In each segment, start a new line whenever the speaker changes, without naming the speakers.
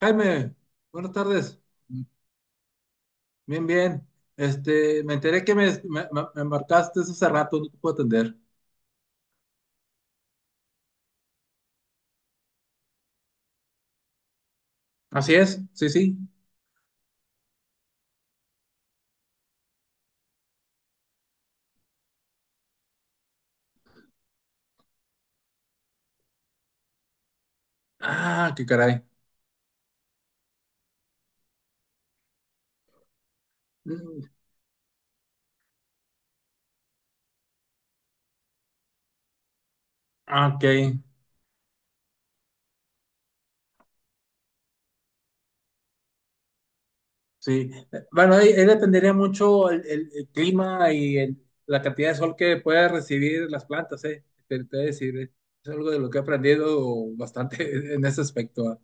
Jaime, buenas tardes. Bien, bien. Me enteré que me marcaste hace rato, no te puedo atender. Así es, sí, sí. Ah, qué caray. Mm, ah, Ok, sí. Bueno, ahí dependería mucho el clima y el- la cantidad de sol que pueda recibir las plantas, ¿eh? Te voy a decir, es algo de lo que he aprendido bastante en ese aspecto. Ah.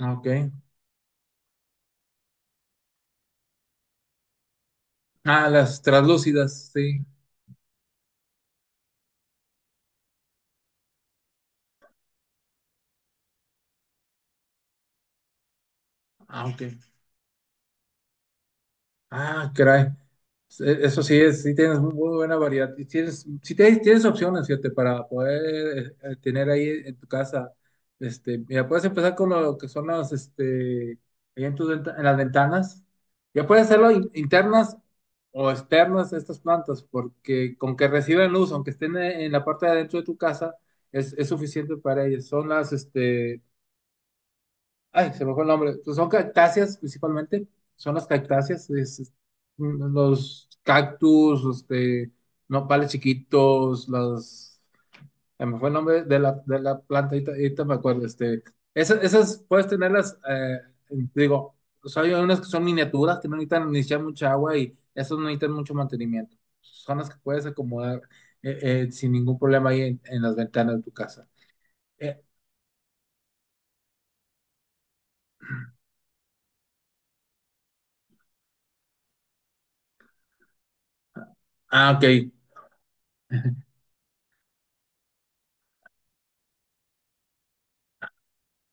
Ah, Ok. Ah, las translúcidas, sí. Ah, ok. Ah, caray. Eso sí es, sí tienes muy buena variedad. Y tienes, sí tienes, tienes opciones, fíjate, para poder tener ahí en tu casa. Este, mira, puedes empezar con lo que son las, este, ahí en, en las ventanas. Ya puedes hacerlo internas o externas de estas plantas, porque con que reciban luz, aunque estén en la parte de adentro de tu casa, es suficiente para ellas. Son las, este, ay, se me fue el nombre. Pues son cactáceas principalmente. Son las cactáceas, los cactus, este, nopales chiquitos, las. Se me fue el nombre de de la planta, ahorita me acuerdo. Este, esas puedes tenerlas, digo, o sea, hay unas que son miniaturas que no necesitan ni echar mucha agua y esas no necesitan mucho mantenimiento. Son las que puedes acomodar eh, sin ningún problema ahí en las ventanas de tu casa. Eh, ah, ok.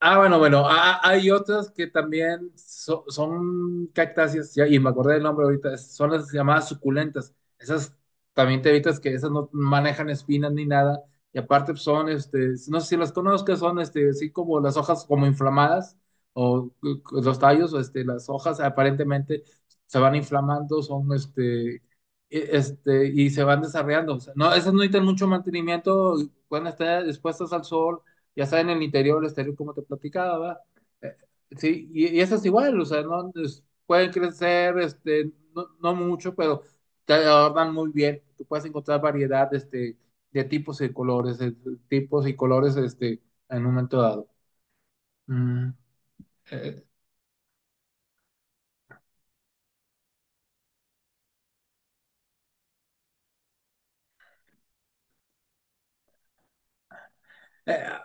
Ah, bueno, bueno, ah, ah, hay otras que también son cactáceas, ya, y me acordé del nombre ahorita, es- son las llamadas suculentas. Esas también te evitas que esas no manejan espinas ni nada, y aparte pues, son, este, no sé si las conozcas, son, este, así como las hojas como inflamadas, o los tallos, o, este, las hojas aparentemente se van inflamando, son, este, y se van desarrollando. O sea, no, esas no necesitan mucho mantenimiento, pueden estar expuestas al sol ya sea en el interior o el exterior, como te platicaba, ¿verdad? Eh, sí, y eso es igual, o sea, no pueden crecer, este, no, no mucho, pero te adornan muy bien. Tú puedes encontrar variedad, este, de tipos y colores, de tipos y colores, este, en un momento dado. Mm. Eh, eh,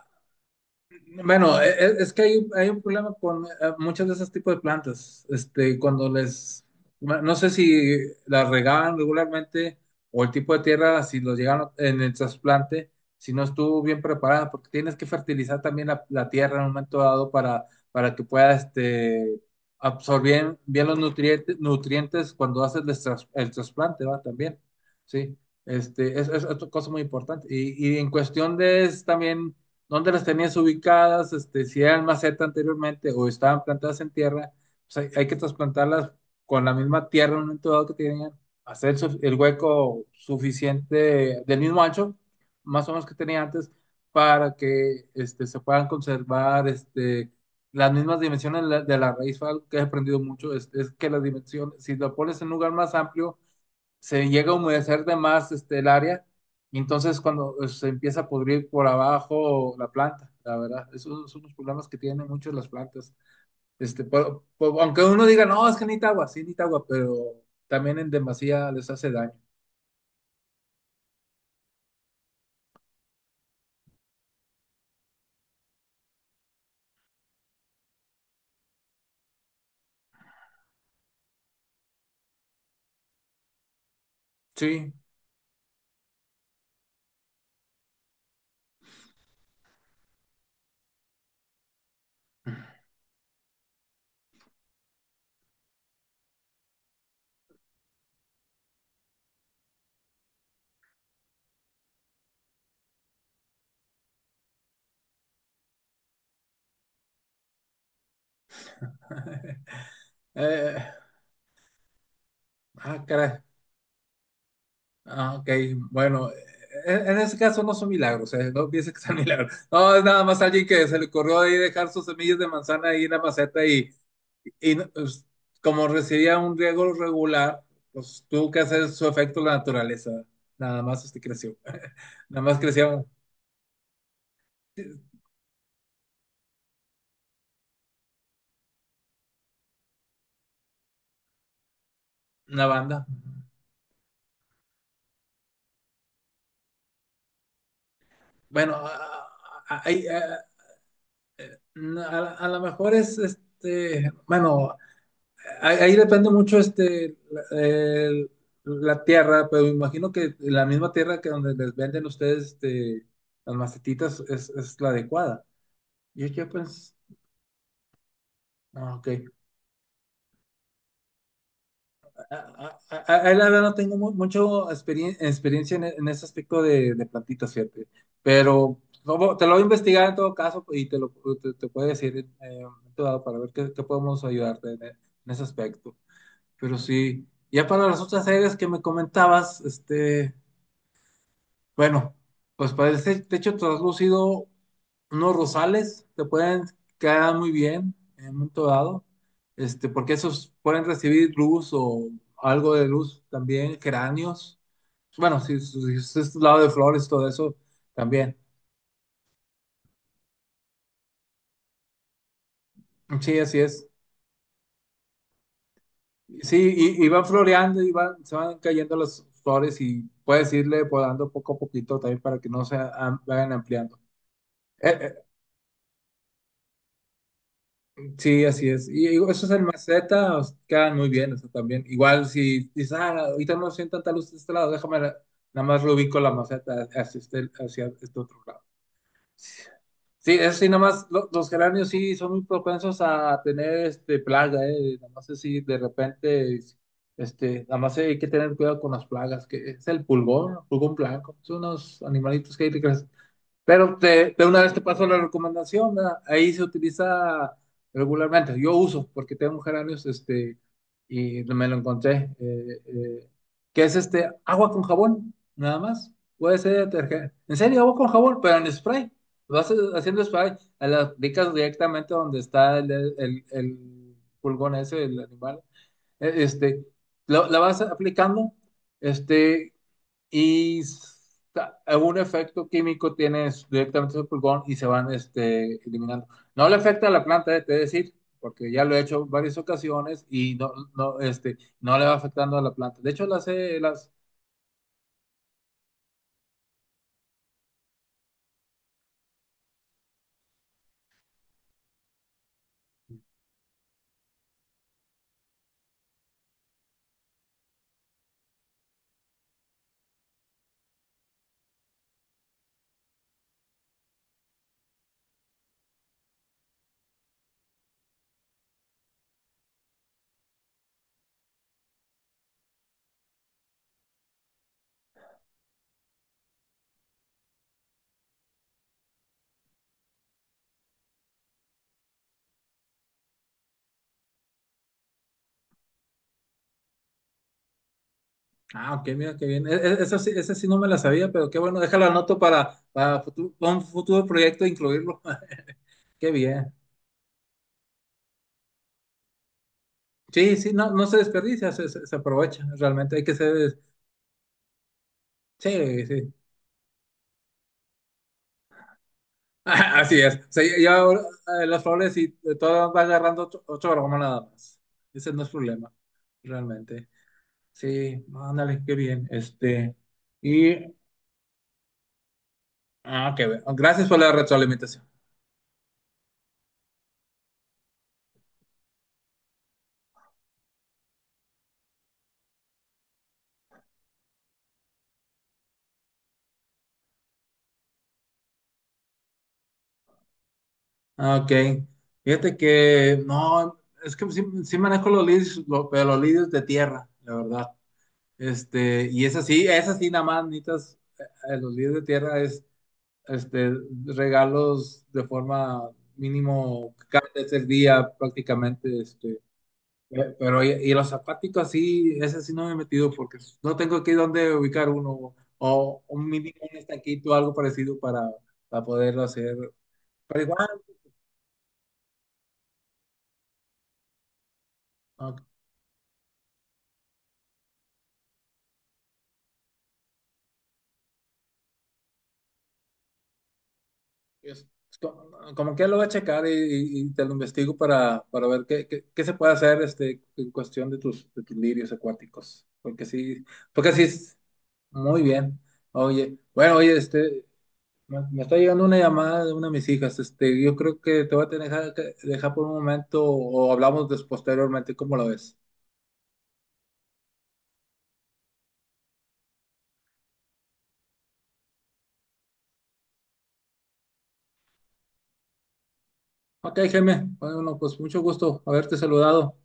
bueno, es que hay un problema con muchas de esos tipos de plantas. Este, cuando les, no sé si las regaban regularmente o el tipo de tierra, si los llegaron en el trasplante, si no estuvo bien preparada, porque tienes que fertilizar también la tierra en un momento dado para que pueda este, absorber bien los nutrientes, nutrientes cuando haces el, el trasplante, ¿va? También, sí. Este, es otra cosa muy importante. Y en cuestión de es también dónde las tenías ubicadas, este, si eran maceta anteriormente o estaban plantadas en tierra, pues hay que trasplantarlas con la misma tierra en un momento dado que tenían, hacer el hueco suficiente del mismo ancho, más o menos que tenía antes, para que este, se puedan conservar este, las mismas dimensiones de de la raíz. Fue algo que he aprendido mucho, es que las dimensiones, si lo pones en un lugar más amplio, se llega a humedecer de más este, el área, y entonces cuando se empieza a pudrir por abajo la planta, la verdad, esos son los problemas que tienen muchas las plantas. Este, aunque uno diga, no, es que necesita agua, sí necesita agua, pero también en demasía les hace daño. Sí. Eh, ah, caray. Ah, ok, bueno, en ese caso no son milagros, no pienses que son milagros. No, es nada más alguien que se le ocurrió ahí dejar sus semillas de manzana ahí en la maceta y, pues, como recibía un riego regular, pues tuvo que hacer su efecto la naturaleza. Nada más este creció. Nada más creció una banda. Bueno, a- ahí, a- a lo mejor es este, bueno, ahí, ahí depende mucho este la, la tierra, pero me imagino que la misma tierra que donde les venden ustedes este, las macetitas es la adecuada. Yo pues, ah, ok. La verdad no tengo mucho experiencia en, en ese aspecto de plantitas, fíjate. Pero como- te lo voy a investigar en todo caso y te lo te puedo decir en un momento dado para ver qué, qué podemos ayudarte en, en ese aspecto. Pero sí, ya para las otras áreas que me comentabas, este. Bueno, pues para este techo traslúcido, unos rosales te pueden quedar muy bien en un momento dado, este, porque esos pueden recibir luz o algo de luz también, geráneos. Bueno, si es este lado de flores, todo eso también. Sí, así es. Sí, y van floreando y van, se van cayendo las flores y puedes irle podando poco a poquito también para que no se vayan ampliando. Eh, eh, Sí, así es. Y digo, esos en maceta os quedan muy bien, eso también. Igual si dices, ah, ahorita no siento tanta luz de este lado, déjame, la- nada más lo ubico la maceta hacia este otro lado. Sí, eso sí, nada más, los geranios sí son muy propensos a tener este, plaga, ¿eh? Nada más así, de repente, este, nada más hay que tener cuidado con las plagas, que es el pulgón, pulgón blanco. Son unos animalitos que hay que pero te, de una vez te paso la recomendación, ¿verdad? Ahí se utiliza regularmente. Yo uso, porque tengo geranios, este, y me lo encontré, que es este agua con jabón, nada más. Puede ser detergente. En serio, agua con jabón, pero en spray. Vas haciendo spray, a las aplicas directamente donde está el pulgón ese, el animal. Este, la vas aplicando. Este, y algún efecto químico tienes directamente su pulgón y se van este, eliminando. No le afecta a la planta, te he de decir, porque ya lo he hecho varias ocasiones y no, no, este, no le va afectando a la planta. De hecho, las he, las... Ah, ok, mira qué bien. Esa sí no me la sabía, pero qué bueno, déjala anoto para, un futuro proyecto e incluirlo. Qué bien. Sí, sí, no, no se desperdicia, se aprovecha. Realmente hay que ser. Sí, sí. Así es. O sea, ya ahora, las flores y todo va agarrando ocho, ocho gramas nada más. Ese no es problema, realmente. Sí, no, ándale, qué bien. Este, y, ah, qué bien. Gracias por la retroalimentación. Ah, Ok. Fíjate que, no, es que sí, sí manejo los lirios, lo- pero los lirios de tierra, la verdad. Este, y es así nada más, necesitas, los lirios de tierra este, regalos de forma mínimo cada vez el día prácticamente, este, pero y los zapáticos sí, ese sí no me he metido porque no tengo aquí dónde ubicar uno o un mínimo un estanquito, algo parecido para poderlo hacer. Pero igual, ok, es como que lo voy a checar y, y te lo investigo para ver qué, qué se puede hacer este, en cuestión de tus lirios acuáticos. Porque sí, muy bien. Oye, bueno, oye, este, me está llegando una llamada de una de mis hijas. Este, yo creo que te voy a tener que dejar por un momento o hablamos posteriormente, ¿cómo lo ves? Ok, Jaime. Bueno, pues mucho gusto haberte saludado.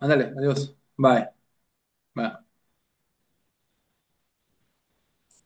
Ándale, adiós. Bye. Bye.